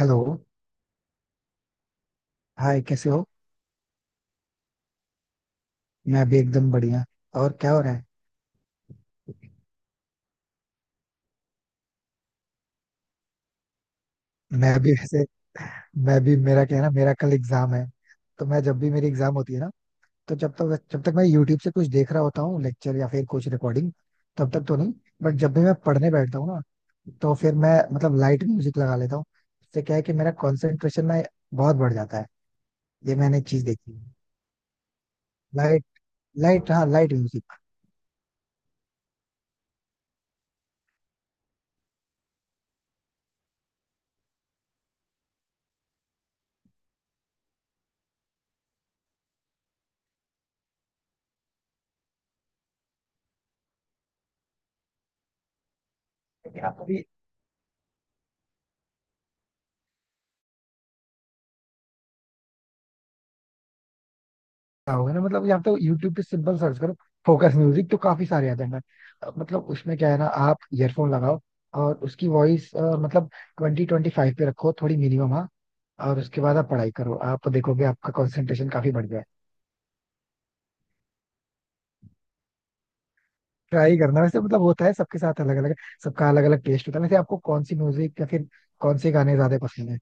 Hello. Hi, कैसे हो? मैं भी एकदम बढ़िया। और क्या हो रहा है? मैं भी वैसे मैं भी मेरा क्या है ना, मेरा कल एग्जाम है। तो मैं जब भी मेरी एग्जाम होती है ना, तो जब तक मैं यूट्यूब से कुछ देख रहा होता हूँ, लेक्चर या फिर कुछ रिकॉर्डिंग, तब तक तो नहीं। बट जब भी मैं पढ़ने बैठता हूँ ना, तो फिर मैं मतलब लाइट म्यूजिक लगा लेता हूँ। इससे क्या है कि मेरा कॉन्सेंट्रेशन ना बहुत बढ़ जाता है। ये मैंने चीज देखी है। लाइट लाइट, हाँ लाइट। म्यूजिक क्या होगा ना, मतलब या तो यूट्यूब पे सिंपल सर्च करो, फोकस म्यूजिक तो काफी सारे आ जाएंगे। मतलब उसमें क्या है ना, आप ईयरफोन लगाओ, और उसकी वॉइस मतलब ट्वेंटी ट्वेंटी फाइव पे रखो, थोड़ी मिनिमम, हाँ, और उसके बाद आप पढ़ाई करो, आप देखोगे आपका कंसंट्रेशन काफी बढ़ गया है। ट्राई करना, वैसे मतलब होता है सबके साथ अलग अलग, सबका अलग अलग टेस्ट होता है। वैसे आपको कौन सी म्यूजिक या फिर कौन से गाने ज्यादा पसंद है?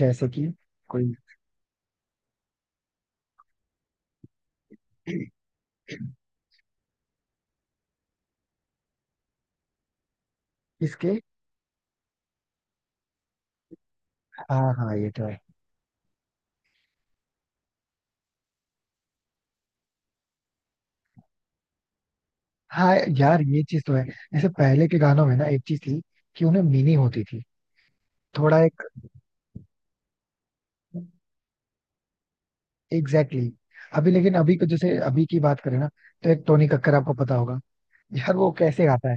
जैसे कि कोई। इसके, हाँ हाँ, ये तो है। हाँ यार ये चीज तो है, जैसे पहले के गानों में ना एक चीज थी, कि उन्हें मीनिंग होती थी, थोड़ा एक, एग्जैक्टली exactly. अभी लेकिन अभी को जैसे अभी की बात करें ना, तो एक टोनी कक्कर आपको पता होगा, यार वो कैसे गाता है।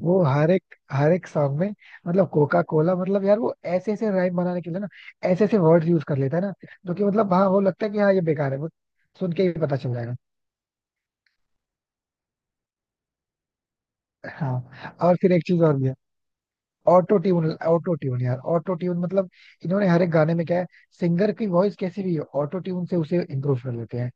वो हर एक सॉन्ग में, मतलब कोका कोला, मतलब यार वो ऐसे ऐसे राइम बनाने के लिए ना, ऐसे ऐसे वर्ड यूज कर लेता है ना, जो कि मतलब हाँ वो लगता है कि हाँ ये बेकार है, वो सुन के ही पता चल जाएगा। हाँ, और फिर एक चीज और भी है, ऑटो ट्यून। ऑटो ट्यून, यार ऑटो ट्यून मतलब इन्होंने हर एक गाने में क्या है, सिंगर की वॉइस कैसी भी हो, ऑटो ट्यून से उसे इम्प्रूव कर लेते हैं।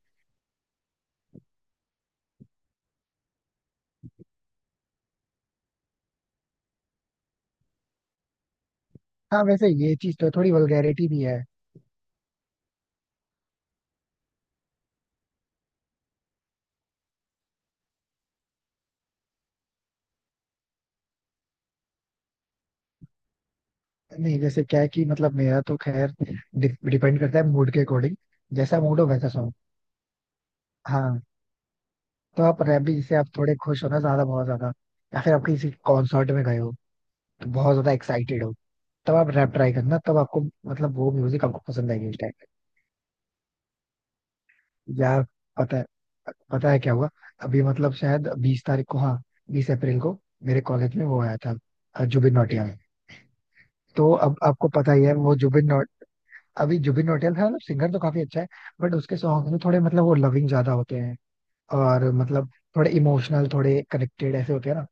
हाँ, वैसे ये चीज तो है, थोड़ी वल्गैरिटी भी है। नहीं जैसे क्या है कि मतलब मेरा तो खैर डिपेंड करता है मूड के अकॉर्डिंग, जैसा मूड हो वैसा सॉन्ग। हाँ। तो आप रैप भी, जैसे आप थोड़े खुश हो ना, ज्यादा बहुत ज्यादा, या फिर आप किसी कॉन्सर्ट में गए हो तो बहुत ज्यादा एक्साइटेड हो, तब आप रैप ट्राई करना, तब आपको मतलब वो म्यूजिक आपको पसंद आएगी इस टाइम पे यार। पता है पता है क्या हुआ? अभी मतलब शायद 20 तारीख को, हाँ, 20 अप्रैल को मेरे कॉलेज में वो आया था, जुबिन नौटियाल। तो अब आपको पता ही है वो अभी जुबिन नौटियाल था, मतलब सिंगर तो काफी अच्छा है। बट उसके सॉन्ग में थोड़े मतलब वो लविंग ज्यादा होते हैं, और मतलब थोड़े इमोशनल थोड़े कनेक्टेड ऐसे होते हैं ना,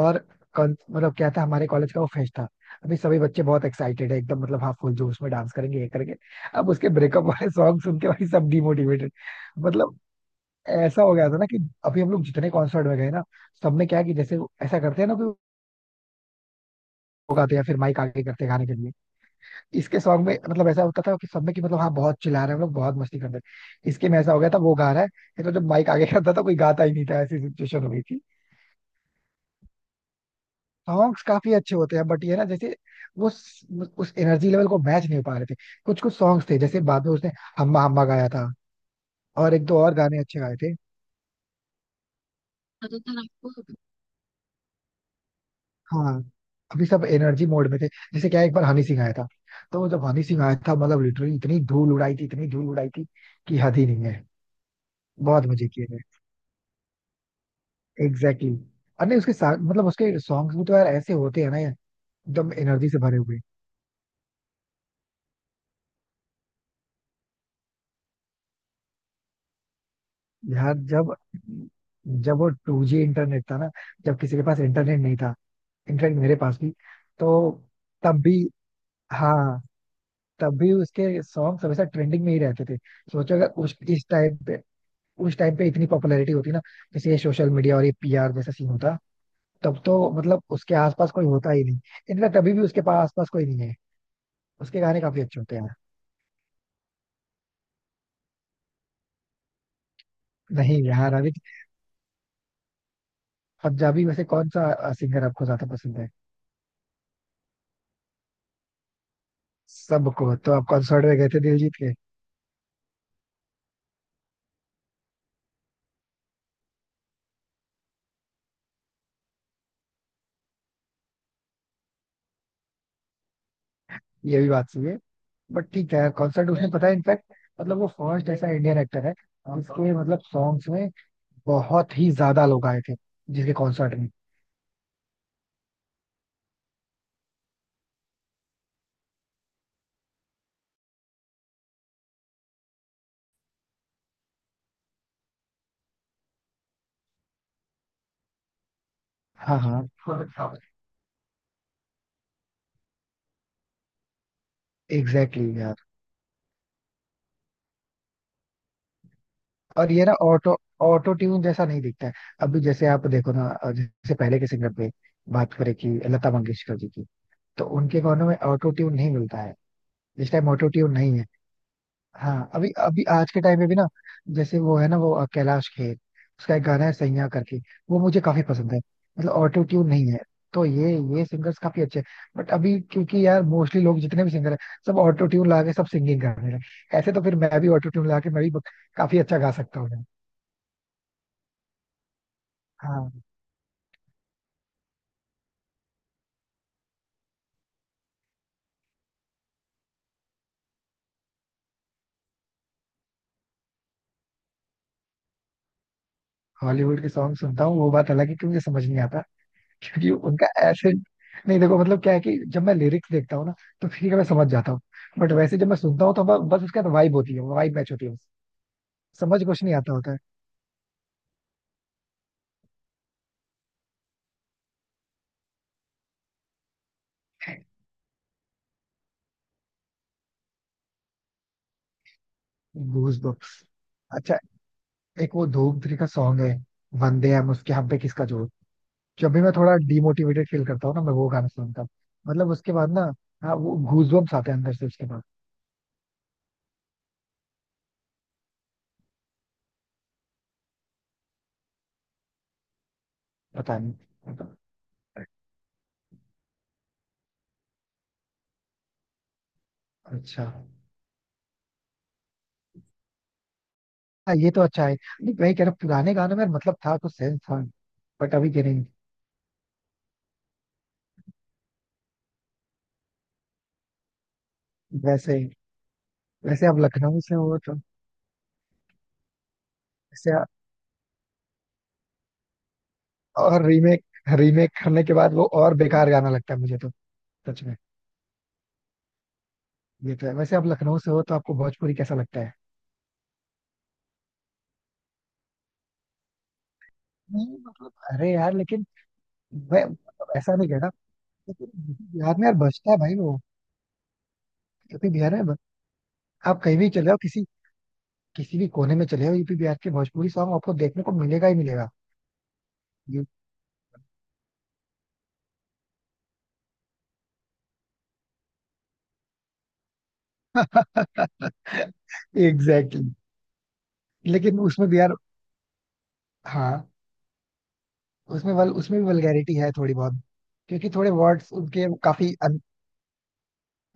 और मतलब क्या था, हमारे कॉलेज का वो फेस्ट था। अभी सभी बच्चे बहुत एक्साइटेड है एकदम, मतलब हाँ फुल जोश में डांस करेंगे ये करेंगे, अब उसके ब्रेकअप वाले सॉन्ग सुन के भाई सब डिमोटिवेटेड। मतलब ऐसा हो गया था ना कि अभी हम लोग जितने कॉन्सर्ट में गए ना, सब में क्या है कि जैसे वो ऐसा करते हैं ना कि वो गाते हैं फिर माइक आगे करते हैं गाने के लिए। इसके सॉन्ग में मतलब ऐसा होता था कि सब में कि मतलब हाँ बहुत चिल्ला रहे हैं, हम लोग बहुत मस्ती कर रहे हैं, इसके में ऐसा हो गया था, वो गा रहा है ये तो, जब माइक आगे करता था कोई गाता ही नहीं था, ऐसी सिचुएशन हो गई थी। सॉन्ग्स काफी अच्छे होते हैं, बट ये ना, जैसे वो उस एनर्जी लेवल को मैच नहीं हो पा रहे थे। कुछ कुछ सॉन्ग्स थे, जैसे बाद में उसने हम्मा हम्मा गाया था, और एक दो और गाने अच्छे गाए थे, ज्यादातर आपको। हाँ, अभी सब एनर्जी मोड में थे। जैसे क्या है, एक बार हनी सिंह आया था, तो जब हनी सिंह आया था मतलब लिटरली इतनी धूल उड़ाई थी, इतनी धूल उड़ाई थी कि हद ही नहीं है। बहुत मजे किए। Exactly exactly. अरे उसके साथ मतलब उसके सॉन्ग्स भी तो यार ऐसे होते हैं ना यार, एकदम एनर्जी से भरे हुए यार। जब जब वो 2G इंटरनेट था ना, जब किसी के पास इंटरनेट नहीं था, इनफैक्ट मेरे पास भी, तो तब भी, हाँ तब भी उसके सॉन्ग हमेशा ट्रेंडिंग में ही रहते थे। सोचो अगर उस इस टाइम पे, उस टाइम पे इतनी पॉपुलैरिटी होती ना, जैसे ये सोशल मीडिया और ये पीआर जैसा सीन होता, तब तो मतलब उसके आसपास कोई होता ही नहीं। इनफैक्ट अभी भी उसके पास आसपास कोई नहीं है। उसके गाने काफी अच्छे होते हैं यार। नहीं यार अभी, पंजाबी में से कौन सा सिंगर आपको ज्यादा पसंद है? सबको, तो आप कॉन्सर्ट में गए थे दिलजीत के? ये भी बात सही है, बट ठीक है। कॉन्सर्ट उसने, पता है इनफैक्ट, मतलब वो फर्स्ट ऐसा इंडियन एक्टर है जिसके मतलब सॉन्ग्स में बहुत ही ज्यादा लोग आए थे, जिसके कॉन्सर्ट में। हाँ हाँ, एग्जैक्टली exactly यार। और ये ना ऑटो ऑटो ट्यून जैसा नहीं दिखता है। अभी जैसे आप देखो ना, जैसे पहले के सिंगर पे बात करें, कि लता मंगेशकर जी की, तो उनके गानों में ऑटो ट्यून नहीं मिलता है, इस टाइम ऑटो ट्यून नहीं है। हाँ, अभी अभी आज के टाइम में भी ना, जैसे वो है ना, वो कैलाश खेर, उसका एक गाना है सैया करके, वो मुझे काफी पसंद है, मतलब ऑटो ट्यून नहीं है। तो ये सिंगर्स काफी अच्छे हैं। बट अभी क्योंकि यार मोस्टली लोग जितने भी सिंगर हैं सब ऑटो ट्यून ला के सब सिंगिंग करने लगे, ऐसे तो फिर मैं भी ऑटो ट्यून ला के मैं भी काफी अच्छा गा सकता हूँ। हाँ। हॉलीवुड के सॉन्ग सुनता हूँ, वो बात अलग है कि मुझे समझ नहीं आता, क्योंकि उनका ऐसे, नहीं देखो मतलब क्या है कि जब मैं लिरिक्स देखता हूँ ना, तो ठीक है मैं समझ जाता हूँ। बट वैसे जब मैं सुनता हूँ, तो बस उसके साथ वाइब होती है, वाइब मैच होती है बस। समझ कुछ नहीं आता, होता है गूज बम्प्स। अच्छा, एक वो धूम थ्री का सॉन्ग है, वंदे हम उसके हम पे किसका जोर। जब भी मैं थोड़ा डिमोटिवेटेड फील करता हूँ ना, मैं वो गाना सुनता हूँ। मतलब उसके बाद ना, हाँ वो गूज बम्प्स आते हैं अंदर से उसके बाद। पता नहीं। अच्छा। हाँ, ये तो अच्छा है। नहीं, वही कह रहा हूँ, पुराने गानों में मतलब था, कुछ सेंस था, बट अभी के नहीं। वैसे वैसे अब लखनऊ से हो तो, वैसे आ- और रीमेक रीमेक करने के बाद वो और बेकार गाना लगता है मुझे तो। सच में। ये तो है। वैसे आप लखनऊ से हो तो आपको भोजपुरी कैसा लगता है? नहीं मतलब अरे यार लेकिन, मैं मतलब ऐसा नहीं कहता, लेकिन यूपी बिहार में यार बजता है भाई वो, यूपी बिहार में ब- आप कहीं भी चले जाओ, किसी किसी भी कोने में चले जाओ, यूपी बिहार के भोजपुरी सॉन्ग आपको देखने को मिलेगा ही मिलेगा। Exactly exactly. लेकिन उसमें भी यार, हाँ उसमें भी वल्गैरिटी है थोड़ी बहुत, क्योंकि थोड़े वर्ड्स उनके काफी,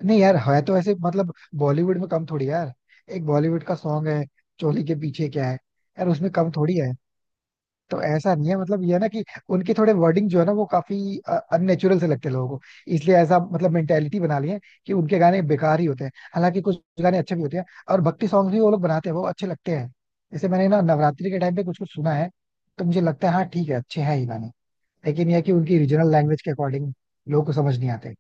नहीं यार है तो ऐसे मतलब, बॉलीवुड में कम थोड़ी है यार, एक बॉलीवुड का सॉन्ग है चोली के पीछे क्या है, यार उसमें कम थोड़ी है। तो ऐसा नहीं है मतलब ये है ना कि उनके थोड़े वर्डिंग जो है ना वो काफी अननेचुरल से लगते हैं लोगों को, इसलिए ऐसा मतलब मेंटेलिटी बना ली है कि उनके गाने बेकार ही होते हैं, हालांकि कुछ गाने अच्छे भी होते हैं, और भक्ति सॉन्ग भी वो लोग बनाते हैं वो अच्छे लगते हैं। जैसे मैंने ना नवरात्रि के टाइम पे कुछ कुछ सुना है, तो मुझे लगता है हाँ ठीक है, अच्छे हैं ये गाने। लेकिन यह है कि उनकी रीजनल लैंग्वेज के अकॉर्डिंग लोगों को समझ नहीं आते।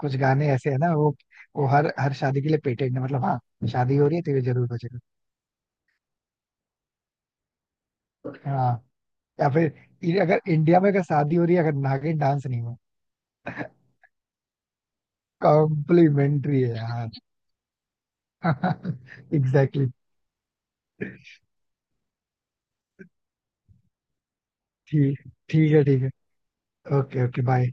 कुछ गाने ऐसे है ना, वो हर हर शादी के लिए पेटेंट है, मतलब हाँ। शादी हो रही है तो ये जरूर बजेगा। हाँ, या फिर ये, अगर इंडिया में अगर शादी हो रही है अगर नागिन डांस नहीं हो, कॉम्प्लीमेंट्री है यार। Exactly exactly. ठीक ठीक है, ठीक है। ओके। Okay, bye.